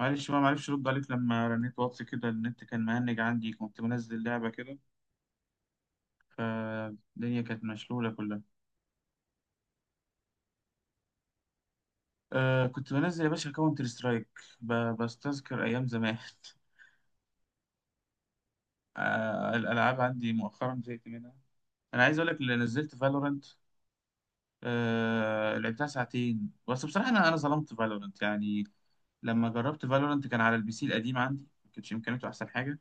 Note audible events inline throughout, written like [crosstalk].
معلش بقى، معرفش ارد عليك لما رنيت واتس كده. النت كان مهنج عندي، كنت منزل لعبة كده، فالدنيا كانت مشلولة كلها. كنت بنزل يا باشا كاونتر سترايك. بستذكر أيام زمان. [laughs] الألعاب عندي مؤخرا زهقت منها. أنا عايز أقول لك اللي نزلت فالورنت. لعبتها ساعتين، بس بصراحة أنا ظلمت فالورنت يعني. لما جربت فالورنت كان على البي سي القديم عندي، ما كانتش إمكانياته أحسن حاجة.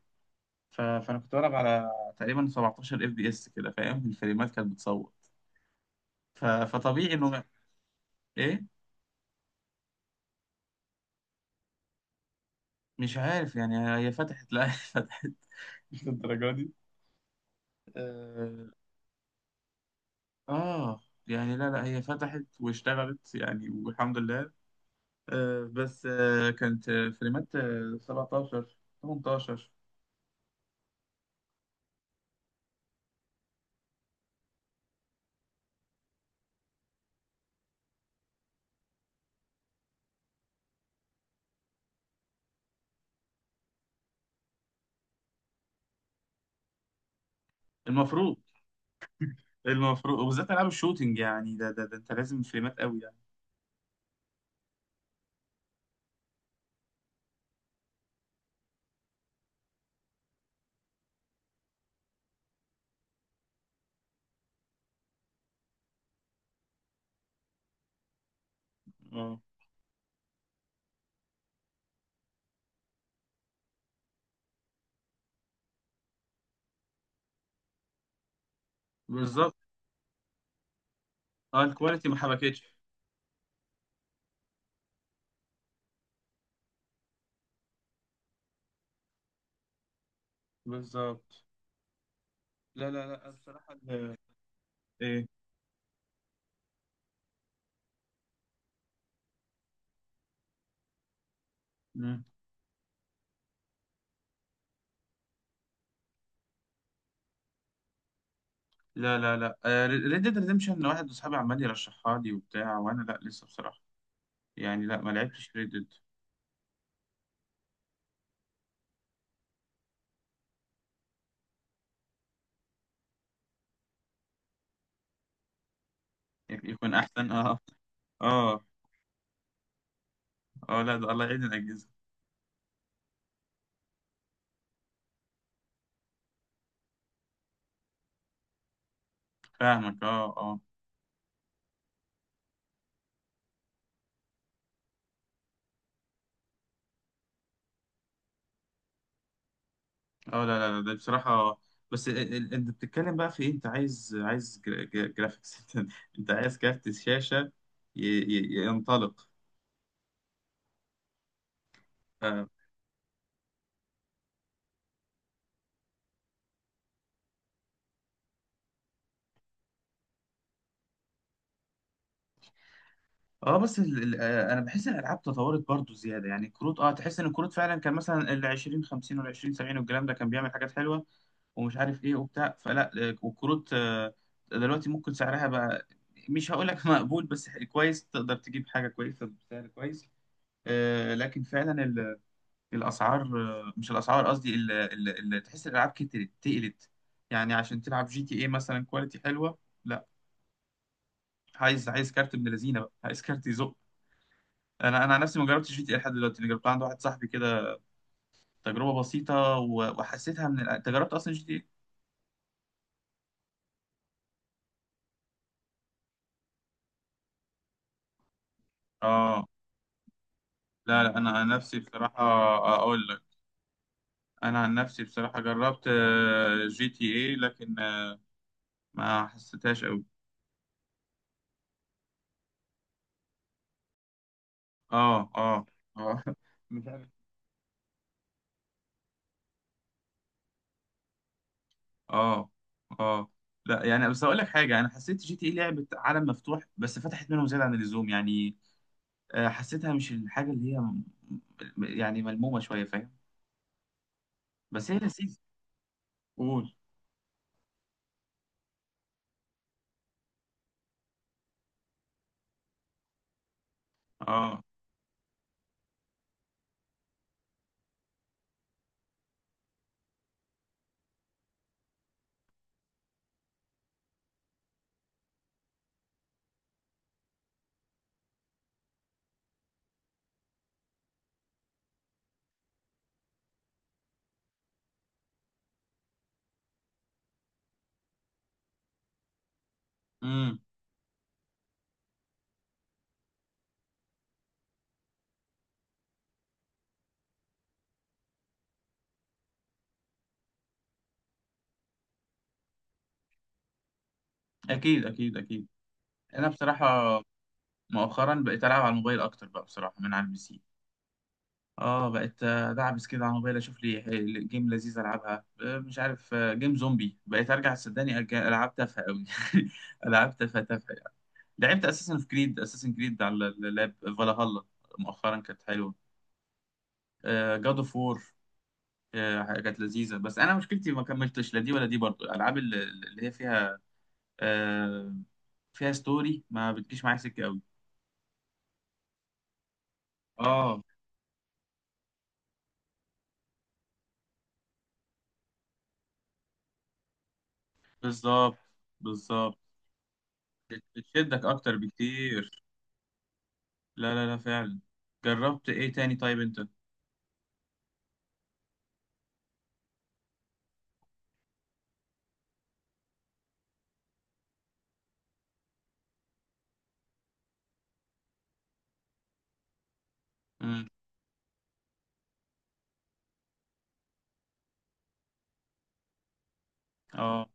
ف... فأنا كنت بلعب على تقريبا 17 اف بي اس كده، فاهم؟ الفريمات كانت بتصور. ف... فطبيعي انه ايه. مش عارف يعني، هي فتحت، لا، [laughs] هي فتحت، مش للدرجه دي. اه، آه، يعني لا لا، هي فتحت واشتغلت يعني والحمد لله. بس كانت، فريمات، 17، 18. المفروض، المفروض، وبالذات العاب الشوتينج يعني. ده انت لازم فريمات قوي يعني. اه، بالظبط. اه، الكواليتي ما حبكتش. بالظبط. لا لا لا، بصراحة، ايه. مم. لا لا لا، ريد ديد ريدمشن، واحد وصحابي عمال يرشحها لي وبتاع، وانا لا، لسه بصراحه. يعني لا، ما لعبتش ريد ديد. يكون احسن، اه. اه. اه لا، ده الله يعين الاجهزه. فاهمك، اه، اه. اه، لا لا لا، ده بصراحه بس انت بتتكلم بقى في ايه. انت عايز جرافيكس. [laughs] انت، انت عايز كارت شاشه ينطلق. آه. اه، بس ال انا بحس ان الالعاب تطورت برضو زياده يعني. الكروت، اه، تحس ان الكروت فعلا كان مثلا ال 20 50 وال 20 70، والكلام ده كان بيعمل حاجات حلوه ومش عارف ايه وبتاع. فلا، والكروت دلوقتي ممكن سعرها بقى، مش هقول لك [laughs] مقبول، بس كويس تقدر تجيب حاجه كويسه بسعر كويس. لكن فعلا الاسعار، مش الاسعار قصدي، تحس الالعاب كترت، تقلت يعني. عشان تلعب جي تي اي مثلا كواليتي حلوه، لا، عايز كارت ابن لذينه بقى، عايز كارت يزق. انا عن نفسي ما جربتش جي تي إيه لحد دلوقتي. انا جربت عند واحد صاحبي كده تجربه بسيطه، و- وحسيتها من انت جربت اصلا جي تي إيه؟ اه. لا لا، انا عن نفسي بصراحه، اقول لك، انا عن نفسي بصراحه جربت جي تي اي، لكن ما حسيتهاش قوي. اه، اه. اه. [laughs] مش عارف. اه، اه، لا يعني، بس اقول لك حاجه، انا حسيت جي تي اي لعبه عالم مفتوح بس فتحت منهم زياده عن اللزوم يعني. حسيتها مش الحاجه اللي هي يعني ملمومه شويه، فاهم. بس هي لذيذه. قول. اه. امم. اكيد اكيد اكيد. انا بصراحه مؤخرا بقيت العب على الموبايل اكتر بقى بصراحه من على البي سي. اه، بقيت دعبس كده على الموبايل، اشوف لي جيم لذيذ العبها. مش عارف، جيم زومبي. بقيت ارجع صدقني أرجع العب تافهه قوي. [laughs] العاب تافهه تافهه يعني. لعبت اساسن في كريد، اساسن كريد على اللاب فالهالا، مؤخرا كانت حلوه. جاد اوف وور كانت لذيذه. بس انا مشكلتي ما كملتش لا دي ولا دي، برضو الالعاب اللي هي فيها آه، فيها ستوري ما بتجيش معايا سكه قوي. اه، بالظبط بالظبط. بتشدك اكتر بكتير. لا لا لا، فعلا. جربت ايه تاني طيب انت. امم. اه،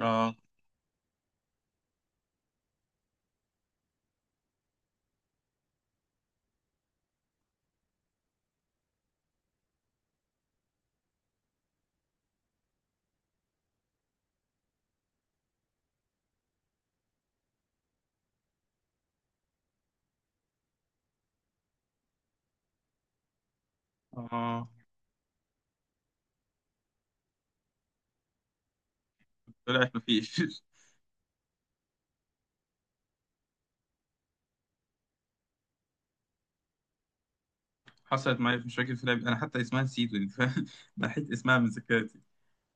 اه، اه. طلعت مفيش. [laughs] حصلت معايا مش فاكر في لعبة انا حتى اسمها نسيته يعني، فاهم؟ [laughs] نحيت اسمها من ذاكرتي.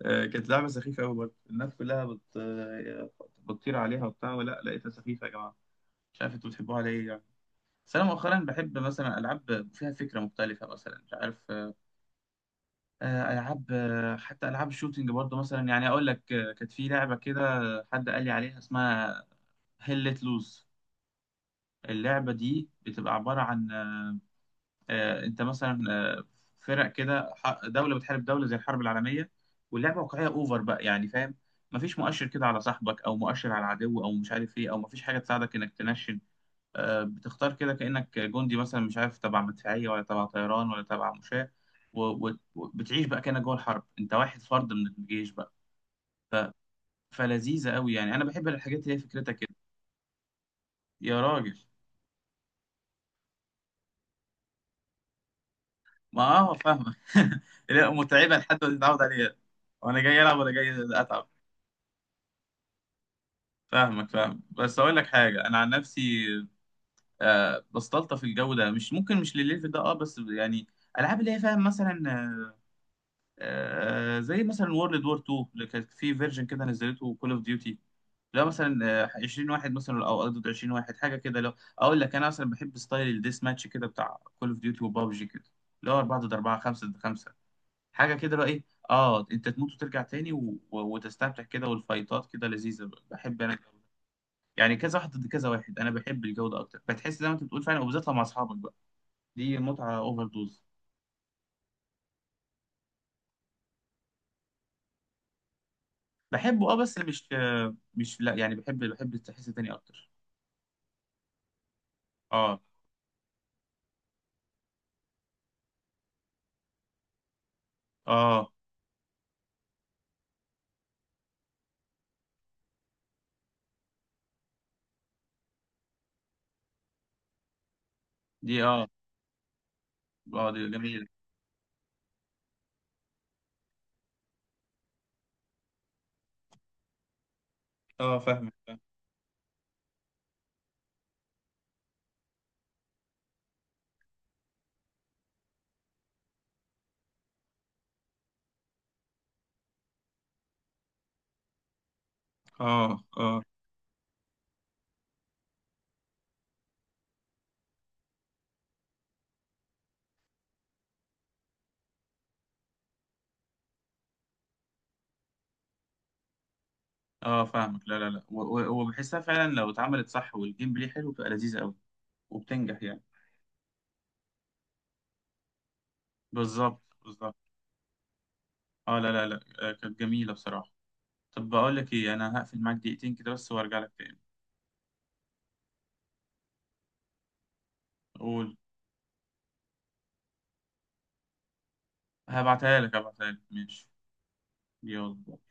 آه، كانت لعبة سخيفة قوي برضه. الناس كلها بتطير عليها وبتاع، ولا لقيتها سخيفة يا جماعة. مش عارف انتوا بتحبوها على ايه يعني. بس انا مؤخرا بحب مثلا العاب فيها فكرة مختلفة. مثلا مش عارف، العاب، حتى العاب الشوتينج برضو مثلا. يعني اقول لك، كانت في لعبه كده، حد قال لي عليها، اسمها هيل ليت لوز. اللعبه دي بتبقى عباره عن انت مثلا، فرق كده، دوله بتحارب دوله زي الحرب العالميه، واللعبه واقعيه اوفر بقى يعني، فاهم. مفيش مؤشر كده على صاحبك او مؤشر على العدو او مش عارف ايه، او مفيش حاجه تساعدك انك تنشن. بتختار كده كأنك جندي مثلا، مش عارف، تبع مدفعية ولا تبع طيران ولا تبع مشاة. وبتعيش بقى كأنك جوه الحرب، انت واحد فرد من الجيش بقى. فلذيذة قوي يعني، انا بحب الحاجات اللي هي فكرتها كده. يا راجل. ما اه، فاهمك. [laughs] لا، متعبة لحد ما تتعود عليها، وانا جاي العب ولا جاي اتعب. فاهمك فاهمك. بس اقول لك حاجة، انا عن نفسي بستلطف الجو ده، مش ممكن مش للليفل ده، اه، بس يعني، العاب اللي هي فاهم مثلا، زي مثلا وورلد وور 2 اللي كانت في فيرجن كده، نزلته كول اوف ديوتي. لا مثلا، 20 واحد مثلا او ضد 20 واحد، حاجه كده. لو اقول لك، انا مثلا بحب ستايل الديس ماتش كده، بتاع كول اوف ديوتي وبابجي كده، اللي هو 4 ضد 4، 5 ضد 5، حاجه كده، اللي هو ايه، اه، انت تموت وترجع تاني و... و... وتستمتع كده، والفايتات كده لذيذه. بحب انا الجو ده. يعني كذا واحد ضد كذا واحد، انا بحب الجو ده اكتر، بتحس زي ما انت بتقول فعلا، وبالذات لما اصحابك بقى، دي متعه اوفر دوز. بحبه اه، بس مش، مش، لا يعني، بحب التحس تاني اكتر. اه، اه. دي اه. اه، دي جميلة. اه، فاهمك فاهمك. اه، اه، اه، فاهمك. لا لا لا، و- و- وبحسها فعلا. لو اتعملت صح والجيم بلاي حلو، بتبقى لذيذة قوي وبتنجح يعني. بالظبط بالظبط. اه، لا لا لا، كانت جميلة بصراحة. طب بقول لك ايه، انا هقفل معاك دقيقتين كده بس وارجع لك تاني. قول. هبعتها لك هبعتها لك، ماشي. يلا.